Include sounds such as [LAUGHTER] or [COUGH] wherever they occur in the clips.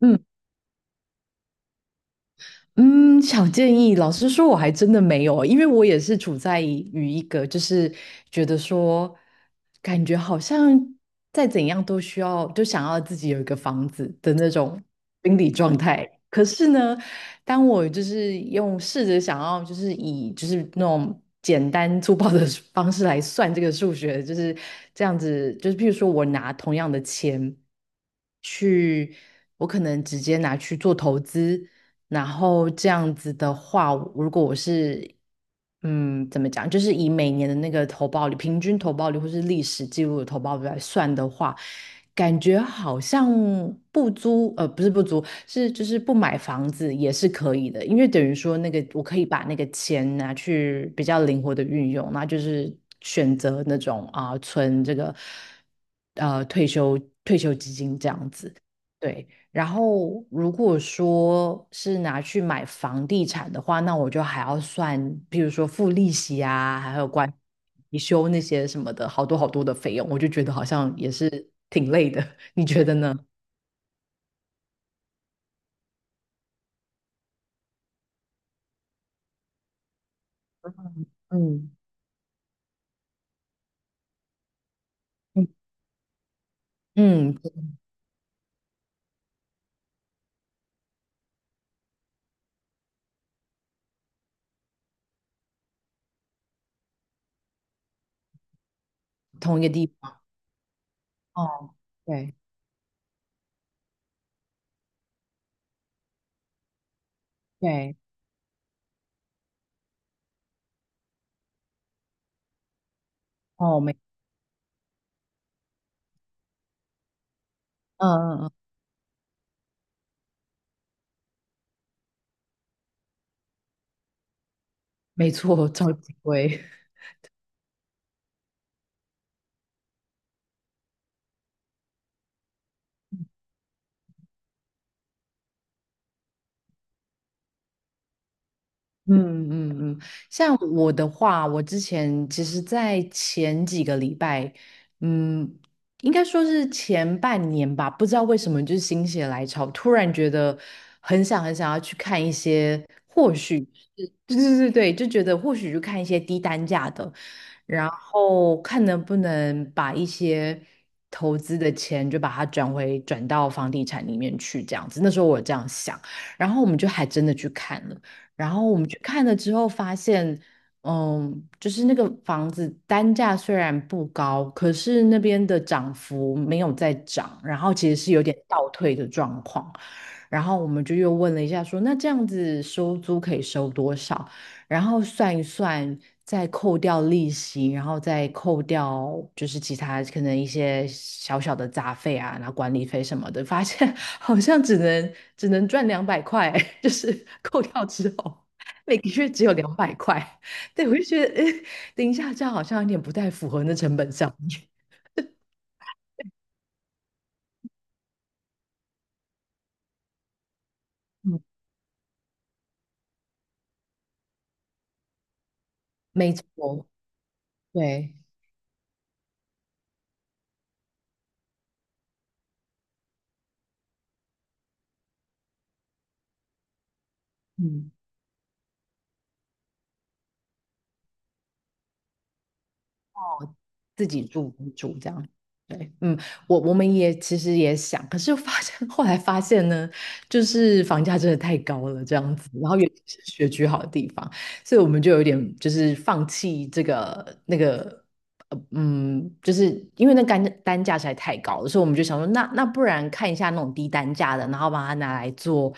嗯嗯，小建议。老实说，我还真的没有，因为我也是处在于一个就是觉得说，感觉好像再怎样都需要，就想要自己有一个房子的那种心理状态。可是呢，当我就是用试着想要就是以就是那种简单粗暴的 [LAUGHS] 方式来算这个数学，就是这样子，就是譬如说我拿同样的钱去，我可能直接拿去做投资。然后这样子的话，如果我是，怎么讲，就是以每年的那个投报率、平均投报率或是历史记录的投报率来算的话，感觉好像不租，不是不租，是就是不买房子也是可以的，因为等于说那个我可以把那个钱拿去比较灵活的运用，那就是选择那种啊、存这个呃退休退休基金这样子。对，然后，如果说是拿去买房地产的话，那我就还要算，比如说付利息啊，还有关维修那些什么的，好多好多的费用，我就觉得好像也是挺累的。[LAUGHS] 你觉得呢？嗯嗯，嗯，同一个地方，哦，对对，哦，没，嗯嗯嗯，没错，[LAUGHS] 超级贵。嗯嗯嗯，像我的话，我之前其实，在前几个礼拜，嗯，应该说是前半年吧，不知道为什么就是心血来潮，突然觉得很想很想要去看一些，或许是，对对对对，就觉得或许就看一些低单价的，然后看能不能把一些投资的钱就把它转到房地产里面去，这样子。那时候我这样想，然后我们就还真的去看了。然后我们去看了之后发现，就是那个房子单价虽然不高，可是那边的涨幅没有在涨，然后其实是有点倒退的状况。然后我们就又问了一下说，那这样子收租可以收多少？然后算一算，再扣掉利息，然后再扣掉就是其他可能一些小小的杂费啊，然后管理费什么的，发现好像只能赚200块，[LAUGHS] 就是扣掉之后，每个月只有200块。对，我就觉得，[LAUGHS] 诶，等一下这样好像有点不太符合那成本上。益。嗯，没错，对，嗯。自己住为主这样。对，嗯，我们也其实也想，可是发现后来发现呢，就是房价真的太高了这样子，然后尤其是学区好的地方，所以我们就有点就是放弃这个那个，就是因为那单价实在太高了，所以我们就想说，那不然看一下那种低单价的，然后把它拿来做，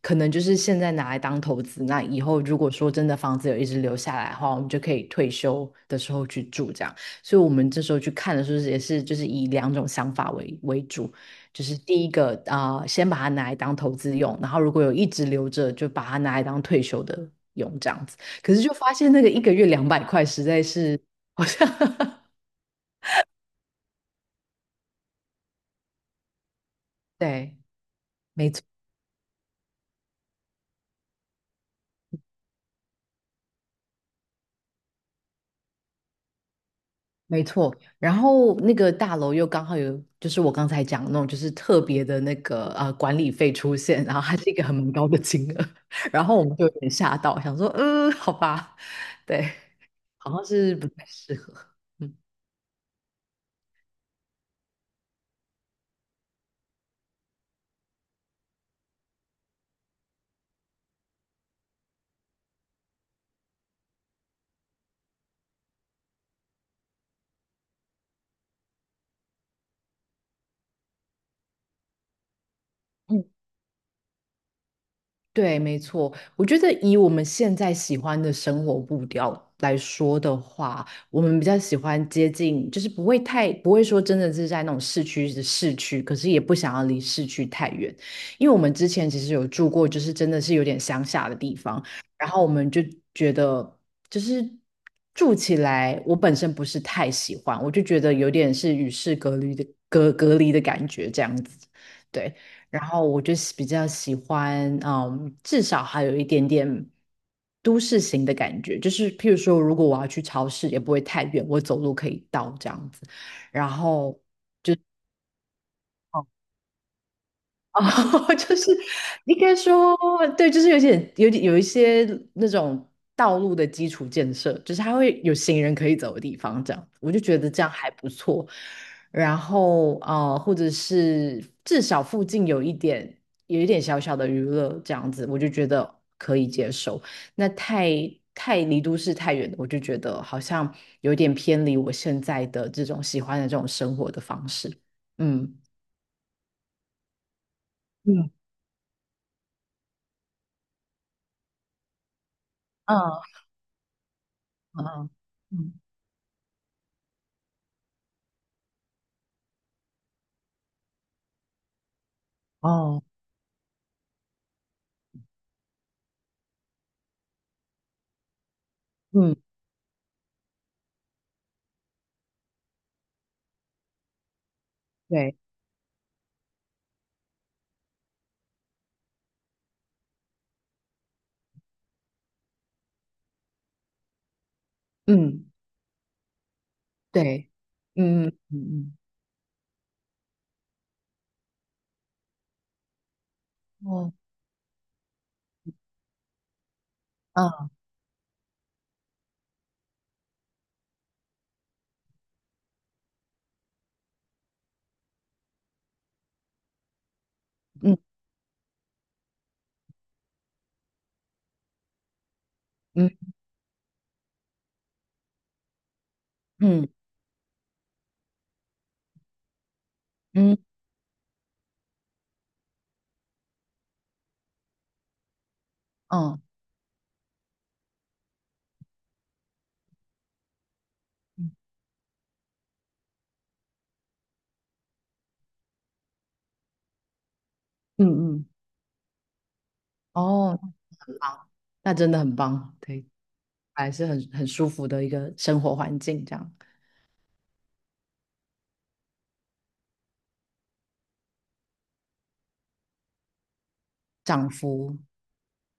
可能就是现在拿来当投资，那以后如果说真的房子有一直留下来的话，我们就可以退休的时候去住这样。所以我们这时候去看的时候，也是就是以两种想法为主，就是第一个啊、先把它拿来当投资用，然后如果有一直留着，就把它拿来当退休的用这样子。可是就发现那个一个月200块，实在是好像 [LAUGHS] 对，没错没错。然后那个大楼又刚好有，就是我刚才讲的那种，就是特别的那个呃管理费出现，然后还是一个很蛮高的金额，[LAUGHS] 然后我们就有点吓到，想说好吧，对。好像是不太适合。嗯，嗯，对，没错。我觉得以我们现在喜欢的生活步调来说的话，我们比较喜欢接近，就是不会太，不会说真的是在那种市区的市区，可是也不想要离市区太远，因为我们之前其实有住过，就是真的是有点乡下的地方，然后我们就觉得就是住起来，我本身不是太喜欢，我就觉得有点是与世隔离的隔离的感觉这样子。对。然后我就是比较喜欢，嗯，至少还有一点点都市型的感觉，就是譬如说，如果我要去超市，也不会太远，我走路可以到这样子。然后，哦，[LAUGHS] 就是应该说，对，就是有点有一些那种道路的基础建设，就是它会有行人可以走的地方，这样我就觉得这样还不错。然后呃，或者是至少附近有一点小小的娱乐这样子，我就觉得可以接受。那太离都市太远了，我就觉得好像有点偏离我现在的这种喜欢的这种生活的方式。嗯嗯。嗯嗯哦嗯对嗯对嗯嗯嗯嗯哦啊嗯嗯嗯嗯嗯嗯嗯哦，那真的很棒，对，还是很舒服的一个生活环境，这样涨幅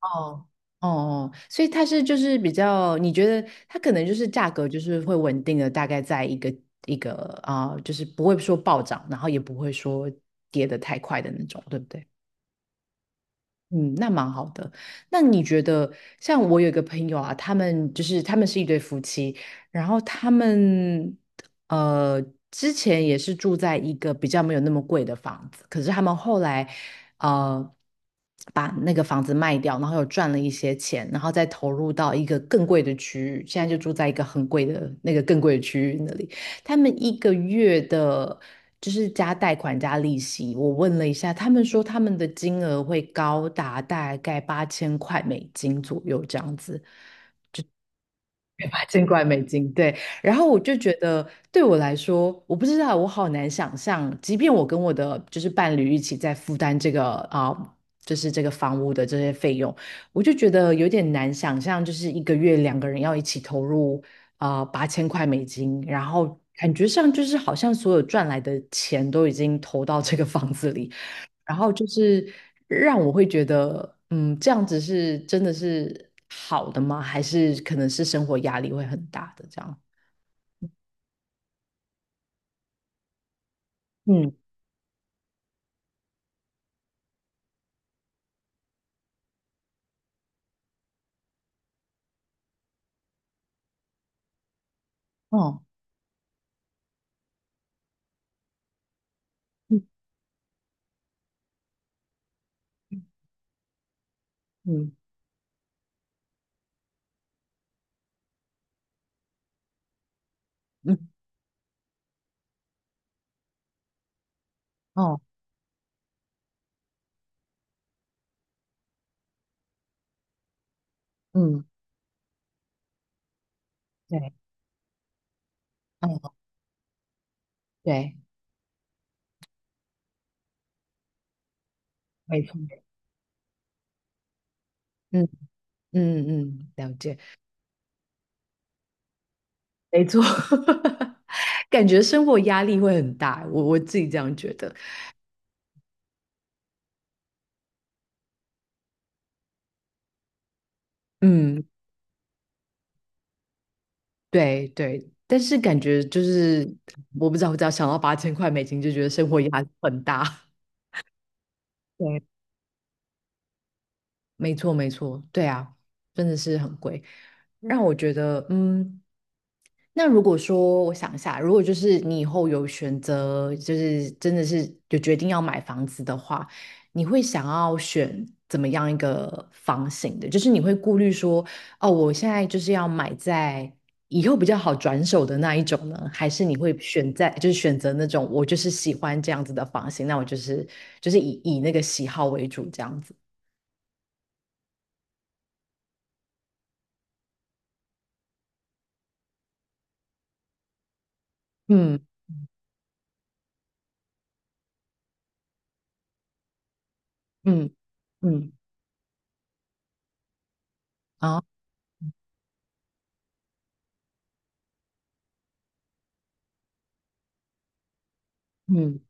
哦哦哦，所以它是就是比较，你觉得它可能就是价格就是会稳定的，大概在一个啊、就是不会说暴涨，然后也不会说跌得太快的那种，对不对？嗯，那蛮好的。那你觉得，像我有一个朋友啊，他们就是他们是一对夫妻，然后他们呃之前也是住在一个比较没有那么贵的房子，可是他们后来呃把那个房子卖掉，然后又赚了一些钱，然后再投入到一个更贵的区域，现在就住在一个很贵的那个更贵的区域那里。他们一个月的，就是加贷款加利息，我问了一下，他们说他们的金额会高达大概八千块美金左右这样子。没 [LAUGHS] 把见怪没劲，对。然后我就觉得，对我来说，我不知道，我好难想象，即便我跟我的就是伴侣一起在负担这个啊、就是这个房屋的这些费用，我就觉得有点难想象，就是一个月两个人要一起投入啊八千块美金，然后感觉上就是好像所有赚来的钱都已经投到这个房子里，然后就是让我会觉得，嗯，这样子是真的是好的吗？还是可能是生活压力会很大的这样？嗯，哦，嗯嗯嗯，哦，嗯，对，嗯对，没错，嗯嗯嗯，了解，没错，[LAUGHS] 感觉生活压力会很大，我自己这样觉得，嗯，对对。但是感觉就是，我不知道，我只要想到八千块美金，就觉得生活压力很大。[LAUGHS] 对没错，没错，对啊，真的是很贵，让我觉得，嗯，那如果说我想一下，如果就是你以后有选择，就是真的是有决定要买房子的话，你会想要选怎么样一个房型的？就是你会顾虑说，哦，我现在就是要买在以后比较好转手的那一种呢，还是你会选在就是选择那种我就是喜欢这样子的房型，那我就是以那个喜好为主这样子，嗯。嗯嗯，哦，嗯，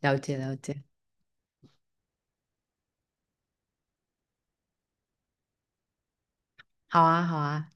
了解了解，好啊好啊，